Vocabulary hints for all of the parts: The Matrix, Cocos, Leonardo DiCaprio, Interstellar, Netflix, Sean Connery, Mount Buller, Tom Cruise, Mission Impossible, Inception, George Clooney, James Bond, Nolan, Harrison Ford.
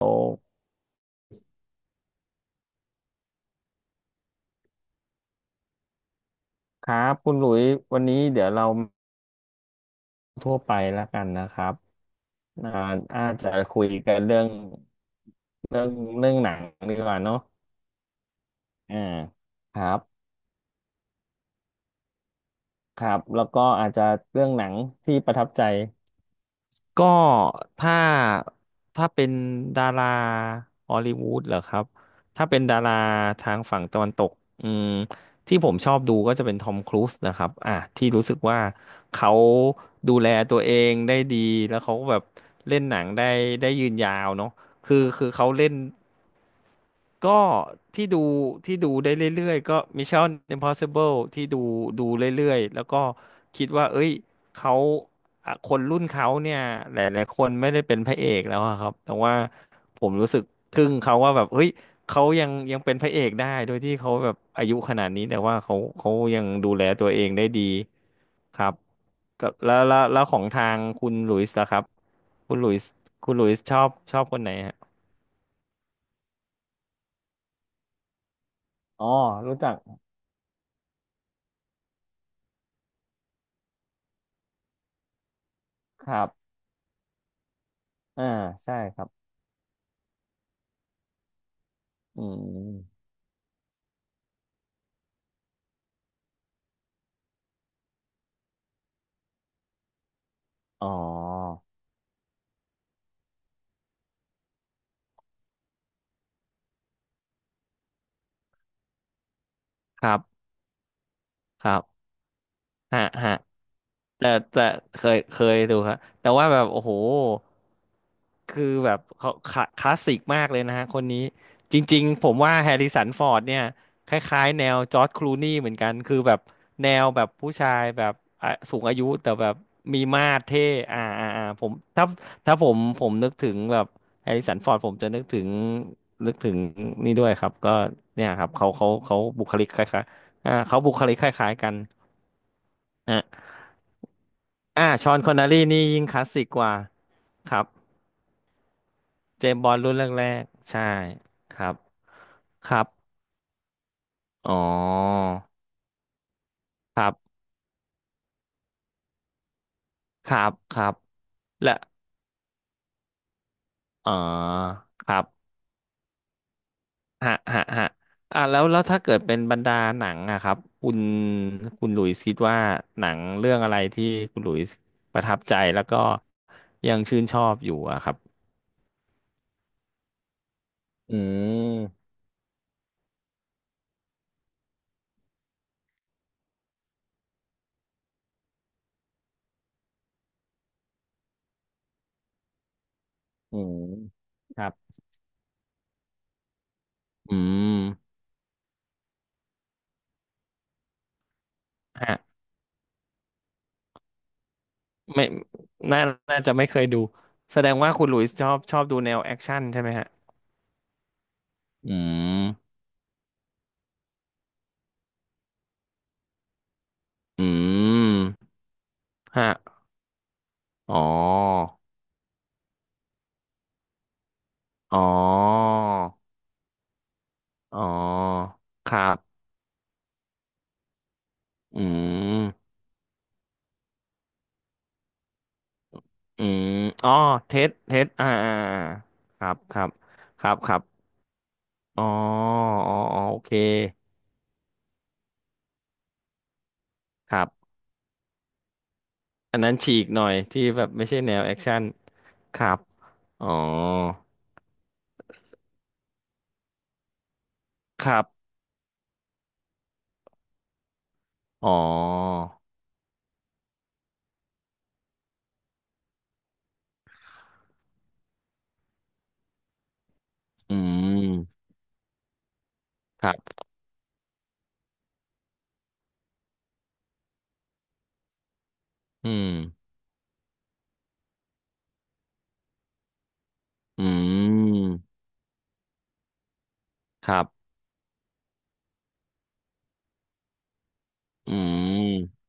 โอครับคุณหลุยส์วันนี้เดี๋ยวเราทั่วไปแล้วกันนะครับอ่าอาจจะคุยกันเรื่องเรื่องเรื่องหนังดีกว่าเนาะอ่าครับครับแล้วก็อาจจะเรื่องหนังที่ประทับใจ ก็ถ้าถ้าเป็นดาราฮอลลีวูดเหรอครับถ้าเป็นดาราทางฝั่งตะวันตกอืมที่ผมชอบดูก็จะเป็นทอมครูซนะครับอ่ะที่รู้สึกว่าเขาดูแลตัวเองได้ดีแล้วเขาก็แบบเล่นหนังได้ยืนยาวเนาะคือเขาเล่น ก็ที่ดูที่ดูได้เรื่อยๆก็ Mission Impossible ที่ดูเรื่อยๆแล้วก็คิดว่าเอ้ยเขาอ่ะคนรุ่นเขาเนี่ยหลายๆคนไม่ได้เป็นพระเอกแล้วอะครับแต่ว่าผมรู้สึกทึ่งเขาว่าแบบเฮ้ยเขายังเป็นพระเอกได้โดยที่เขาแบบอายุขนาดนี้แต่ว่าเขายังดูแลตัวเองได้ดีครับก็แล้วของทางคุณหลุยส์ล่ะครับคุณหลุยส์คุณหลุยส์ชอบคนไหนฮะอ๋อรู้จักครับ อ่าใช่ครับอืมอ๋อครับครับฮะฮะ แต่แต่เคยดูครับแต่ว่าแบบโอ้โหคือแบบเขาคลาสสิกมากเลยนะฮะคนนี้จริงๆผมว่าแฮร์ริสันฟอร์ดเนี่ยคล้ายๆแนวจอร์จคลูนี่เหมือนกันคือแบบแนวแบบผู้ชายแบบอ่ะสูงอายุแต่แบบมีมาสเท่ผมถ้าผมนึกถึงแบบแฮร์ริสันฟอร์ดผมจะนึกถึงนึกถึงนี่ด้วยครับก็เนี่ยครับเขาบุคลิกคล้ายๆเขาบุคลิกคล้ายๆกัน อ่าชอนคอนเนอรี่นี่ยิ่งคลาสสิกกว่าครับเจมส์บอนด์รุ่นแรกๆใช่ครับครับอ๋อครับครับครับและอ๋อครับฮะฮะฮะอ่ะแล้วแล้วถ้าเกิดเป็นบรรดาหนังอะครับคุณหลุยส์คิดว่าหนังเรื่องอะไรที่คุณหลุยส์ประทับใจแล้วก็ยังชื่นชอบอยู่อะครับอืมอืมครับอืมฮะ ไม่น่าน่าจะไม่เคยดูแสดงว่าคุณหลุยส์ชอบดูแนวแอคชั่นใช่ไหมฮะอืมอืมฮะอ๋ออ๋ออ๋อครับอืมอืมอ๋อเทสเทสครับครับครับครับอ๋ออ๋ออ๋อโอเคครับอันนั้นฉีกหน่อยที่แบบไม่ใช่แนวแอคชั่นครับอ๋อครับอ๋ออืมครับอืม อืม ครับ อืม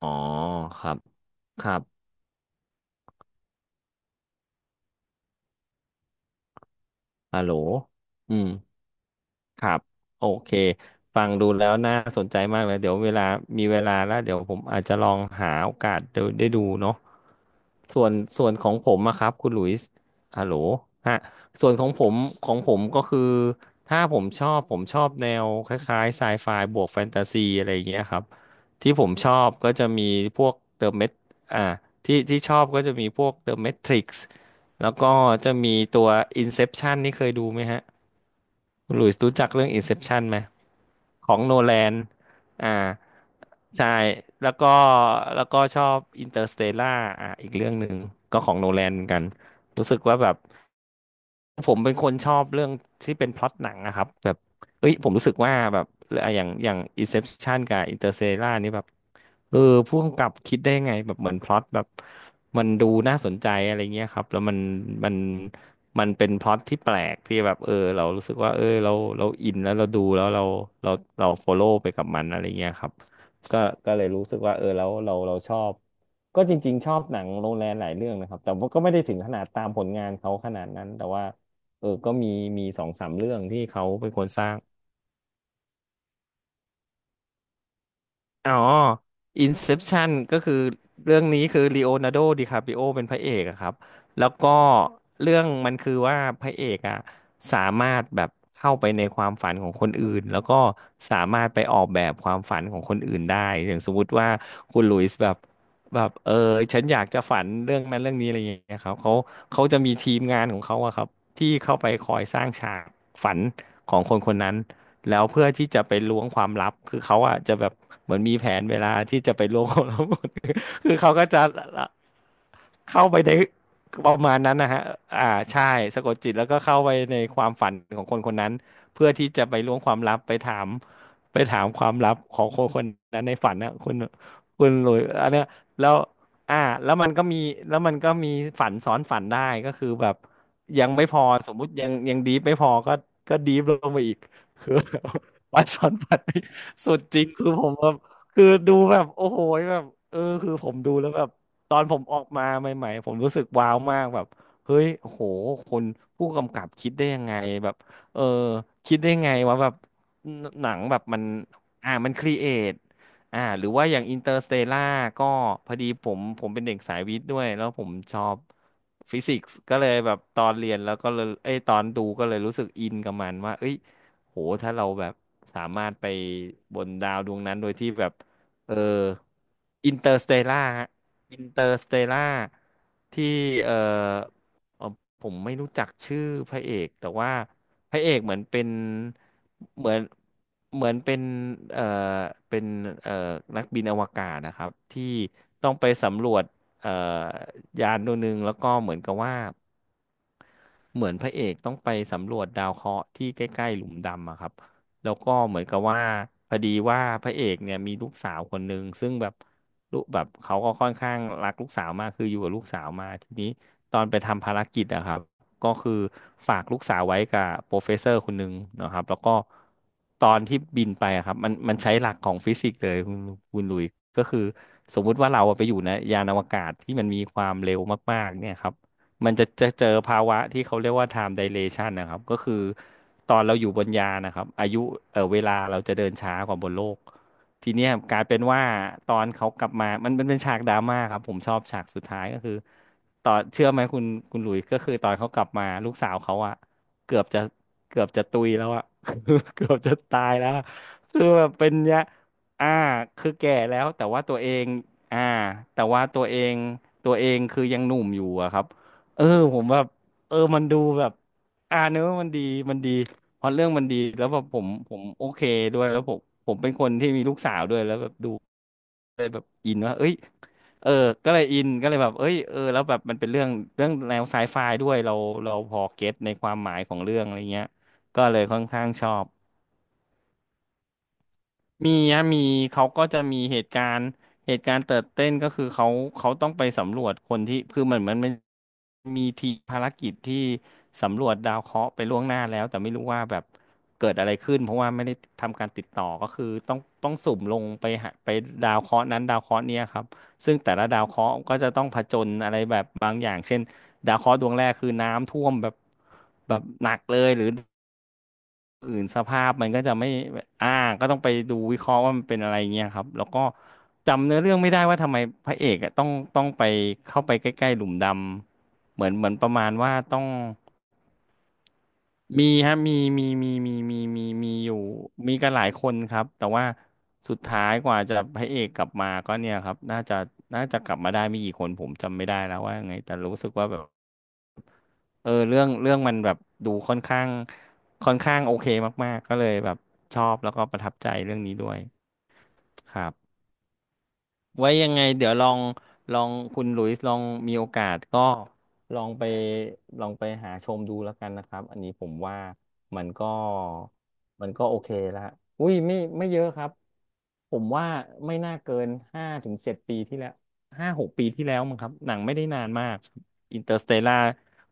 อ๋อ ครับ ครับฮัลโหลอืม ครับโอเคฟังดูแล้วน่าสนใจมากเลยเดี๋ยวเวลามีเวลาแล้วเดี๋ยวผมอาจจะลองหาโอกาสได้ดูเนาะส่วนส่วนของผมอะครับคุณหลุยส์ฮัลโหลฮะส่วนของผมก็คือถ้าผมชอบผมชอบแนวคล้ายๆไซไฟบวกแฟนตาซีอะไรอย่างเงี้ยครับที่ผมชอบก็จะมีพวกเดอะเมทอ่าที่ชอบก็จะมีพวกเดอะเมทริกซ์แล้วก็จะมีตัว Inception นี่เคยดูไหมฮะ คุณหลุยส์รู้จักเรื่อง Inception ไหมของโนแลนอ่าใช่แล้วก็ชอบ Interstellar อีกเรื่องหนึ่งก็ของโนแลนเหมือนกันรู้สึกว่าแบบ ผมเป็นคนชอบเรื่องที่เป็นพล็อตหนังนะครับแบบเอ้ยผมรู้สึกว่าแบบอะอย่าง Inception กับ Interstellar นี่แบบเออผู้กำกับคิดได้ไงแบบเหมือนพล็อตแบบมันดูน่าสนใจอะไรเงี้ยครับแล้วมันมันเป็นพล็อตที่แปลกที่แบบเออเรารู้สึกว่าเออเราอินแล้วเราดูแล้วเราเราฟอลโล่ไปกับมันอะไรเงี้ยครับก็ก็เลยรู้สึกว่าเออแล้วเราชอบก็จริงๆชอบหนังโนแลนหลายเรื่องนะครับแต่ว่าก็ไม่ได้ถึงขนาดตามผลงานเขาขนาดนั้นแต่ว่า เออก็มีสองสามเรื่องที่เขาเป็นคนสร้าง อ๋อ Inception ก็คือเรื่องนี้คือลีโอนาร์โดดิคาปริโอเป็นพระเอกอะครับแล้วก็เรื่องมันคือว่าพระเอกอะสามารถแบบเข้าไปในความฝันของคนอื่นแล้วก็สามารถไปออกแบบความฝันของคนอื่นได้อย่างสมมติว่าคุณหลุยส์แบบเออฉันอยากจะฝันเรื่องนั้นเรื่องนี้อะไรอย่างเงี้ยครับเขาจะมีทีมงานของเขาอะครับที่เข้าไปคอยสร้างฉากฝันของคนคนนั้น แล้วเพื่อที่จะไปล้วงความลับคือเขาอ่ะจะแบบเหมือนมีแผนเวลาที่จะไปล้วงความลับหมด คือเขาก็จะเข้าไปในประมาณนั้นนะฮะอ่าใช่สะกดจิตแล้วก็เข้าไปในความฝันของคนคนนั้นเพื่อที่จะไปล้วงความลับไปถามความลับของคนคนนั้นในฝันนะคุณคุณหลุยอันเนี้ยแล้วอ่าแล้วมันก็มีแล้วมันก็มีฝันซ้อนฝันได้ก็คือแบบยังไม่พอสมมุติยังดีฟไม่พอก็ก็ดีฟลงไปอีก คือ แบบวันสอนวันนี่สุดจริงคือผมแบบคือดูแบบโอ้โหแบบเออคือผมดูแล้วแบบตอนผมออกมาใหม่ๆผมรู้สึกว้าวมากแบบเฮ้ยโอ้โหคนผู้กำกับคิดได้ยังไงแบบเออคิดได้ไงว่าแบบหนังแบบมันมันครีเอทหรือว่าอย่างอินเตอร์สเตล่าก็พอดีผมเป็นเด็กสายวิทย์ด้วยแล้วผมชอบฟิสิกส์ก็เลยแบบตอนเรียนแล้วก็เลยเอ้ยตอนดูก็เลยรู้สึกอินกับมันว่าเอ้ย โห ถ้าเราแบบสามารถไปบนดาวดวงนั้นโดยที่แบบเอออินเตอร์สเตล่าฮะอินเตอร์สเตล่าที่เออเอ่อผมไม่รู้จักชื่อพระเอกแต่ว่าพระเอกเหมือนเป็น เหมือนเป็นเออเป็นเออนักบินอวกาศนะครับที่ต้องไปสำรวจเออยานดวงหนึ่งแล้วก็เหมือนกับว่า เหมือนพระเอกต้องไปสำรวจดาวเคราะห์ที่ใกล้ๆหลุมดำอะครับแล้วก็เหมือนกับว่าพอดีว่าพระเอกเนี่ยมีลูกสาวคนหนึ่งซึ่งแบบลูกแบบเขาก็ค่อนข้างรักลูกสาวมากคืออยู่กับลูกสาวมาทีนี้ตอนไปทำภารกิจอะครับก็คือฝากลูกสาวไว้กับโปรเฟสเซอร์คนหนึ่งนะครับแล้วก็ตอนที่บินไปอะครับมันใช้หลักของฟิสิกส์เลยคุณคุณหลุยก็คือสมมุติว่าเราอะไปอยู่ในยานอวกาศที่มันมีความเร็วมากๆเนี่ยครับ มันจะเจอภาวะที่เขาเรียกว่า time dilation นะครับก็คือตอนเราอยู่บนยานนะครับอายุเออเวลาเราจะเดินช้ากว่าบนโลกทีเนี้ยกลายเป็นว่าตอนเขากลับมามันเป็นฉากดราม่าครับผมชอบฉากสุดท้ายก็คือตอนเชื่อไหมคุณคุณหลุยส์ก็คือตอนเขากลับมาลูกสาวเขาอะเกือบจะเกือบจะตุยแล้วอะ เกือบจะตายแล้วอะคือแบบเป็นเนี้ยอ่าคือแก่แล้วแต่ว่าตัวเองอ่าแต่ว่าตัวเอง คือยังหนุ่มอยู่อะครับ เออผมแบบเออมันดูแบบเนื้อมันดีมันดีพอเรื่องมันดีแล้วแบบผมโอเคด้วยแล้วผมเป็นคนที่มีลูกสาวด้วยแล้วแบบดูเลยแบบอินว่าเอ้ยเออก็เลยอินก็เลยแบบเอ้ยเออแล้วแบบมันเป็นเรื่องเรื่องแนวไซไฟด้วยเราพอเก็ตในความหมายของเรื่องอะไรเงี้ยก็เลยค่อนข้างชอบ มีฮะมีเขาก็จะมีเหตุการณ์เติร์ดเต้นก็คือเขาต้องไปสำรวจคนที่คือเหมือนมันมีทีมภารกิจที่สำรวจดาวเคราะห์ไปล่วงหน้าแล้วแต่ไม่รู้ว่าแบบเกิดอะไรขึ้นเพราะว่าไม่ได้ทำการติดต่อก็คือต้องสุ่มลงไปหาไปดาวเคราะห์นั้นดาวเคราะห์เนี้ยครับซึ่งแต่ละดาวเคราะห์ก็จะต้องผจญอะไรแบบบางอย่างเช่นดาวเคราะห์ดวงแรกคือน้ำท่วมแบบแบบหนักเลยหรือ อื่นสภาพมันก็จะไม่อ่าก็ต้องไปดูวิเคราะห์ว่ามันเป็นอะไรเงี้ยครับแล้วก็จำเนื้อเรื่องไม่ได้ว่าทำไมพระเอกอะต้องไปเข้าไปใกล้ๆหลุมดำเหมือนประมาณว่าต้องมีฮะมีอยู่มีกันหลายคนครับแต่ว่าสุดท้ายกว่าจะพระเอกกลับมาก็เนี่ยครับน่าจะกลับมาได้ไม่กี่คนผมจำไม่ได้แล้วว่ายังไงแต่รู้สึกว่าแบบ เออเรื่องมันแบบดูค่อนข้างโอเคมากๆก็เลยแบบชอบแล้วก็ประทับใจเรื่องนี้ด้วยครับไว้ยังไงเดี๋ยวลองลองคุณหลุยส์ลองมีโอกาสก็ลองไปหาชมดูแล้วกันนะครับอันนี้ผมว่ามันก็โอเคละอุ้ยไม่เยอะครับผมว่าไม่น่าเกิน5 ถึง 7 ปีที่แล้ว5 6 ปีที่แล้วมั้งครับหนังไม่ได้นานมากอินเตอร์สเตลล่า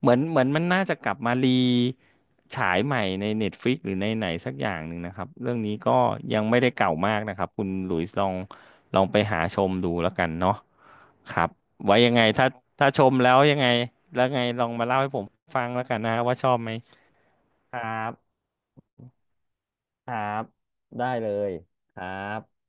เหมือนมันน่าจะกลับมารีฉายใหม่ใน Netflix หรือในไหนสักอย่างหนึ่งนะครับเรื่องนี้ก็ยังไม่ได้เก่ามากนะครับคุณหลุยส์ลองไปหาชมดูแล้วกันเนาะครับไว้ยังไงถ้าชมแล้วยังไงแล้วไงลองมาเล่าให้ผมฟังแล้วกันนะว่าชอบไหมครับครับได้เลยครับ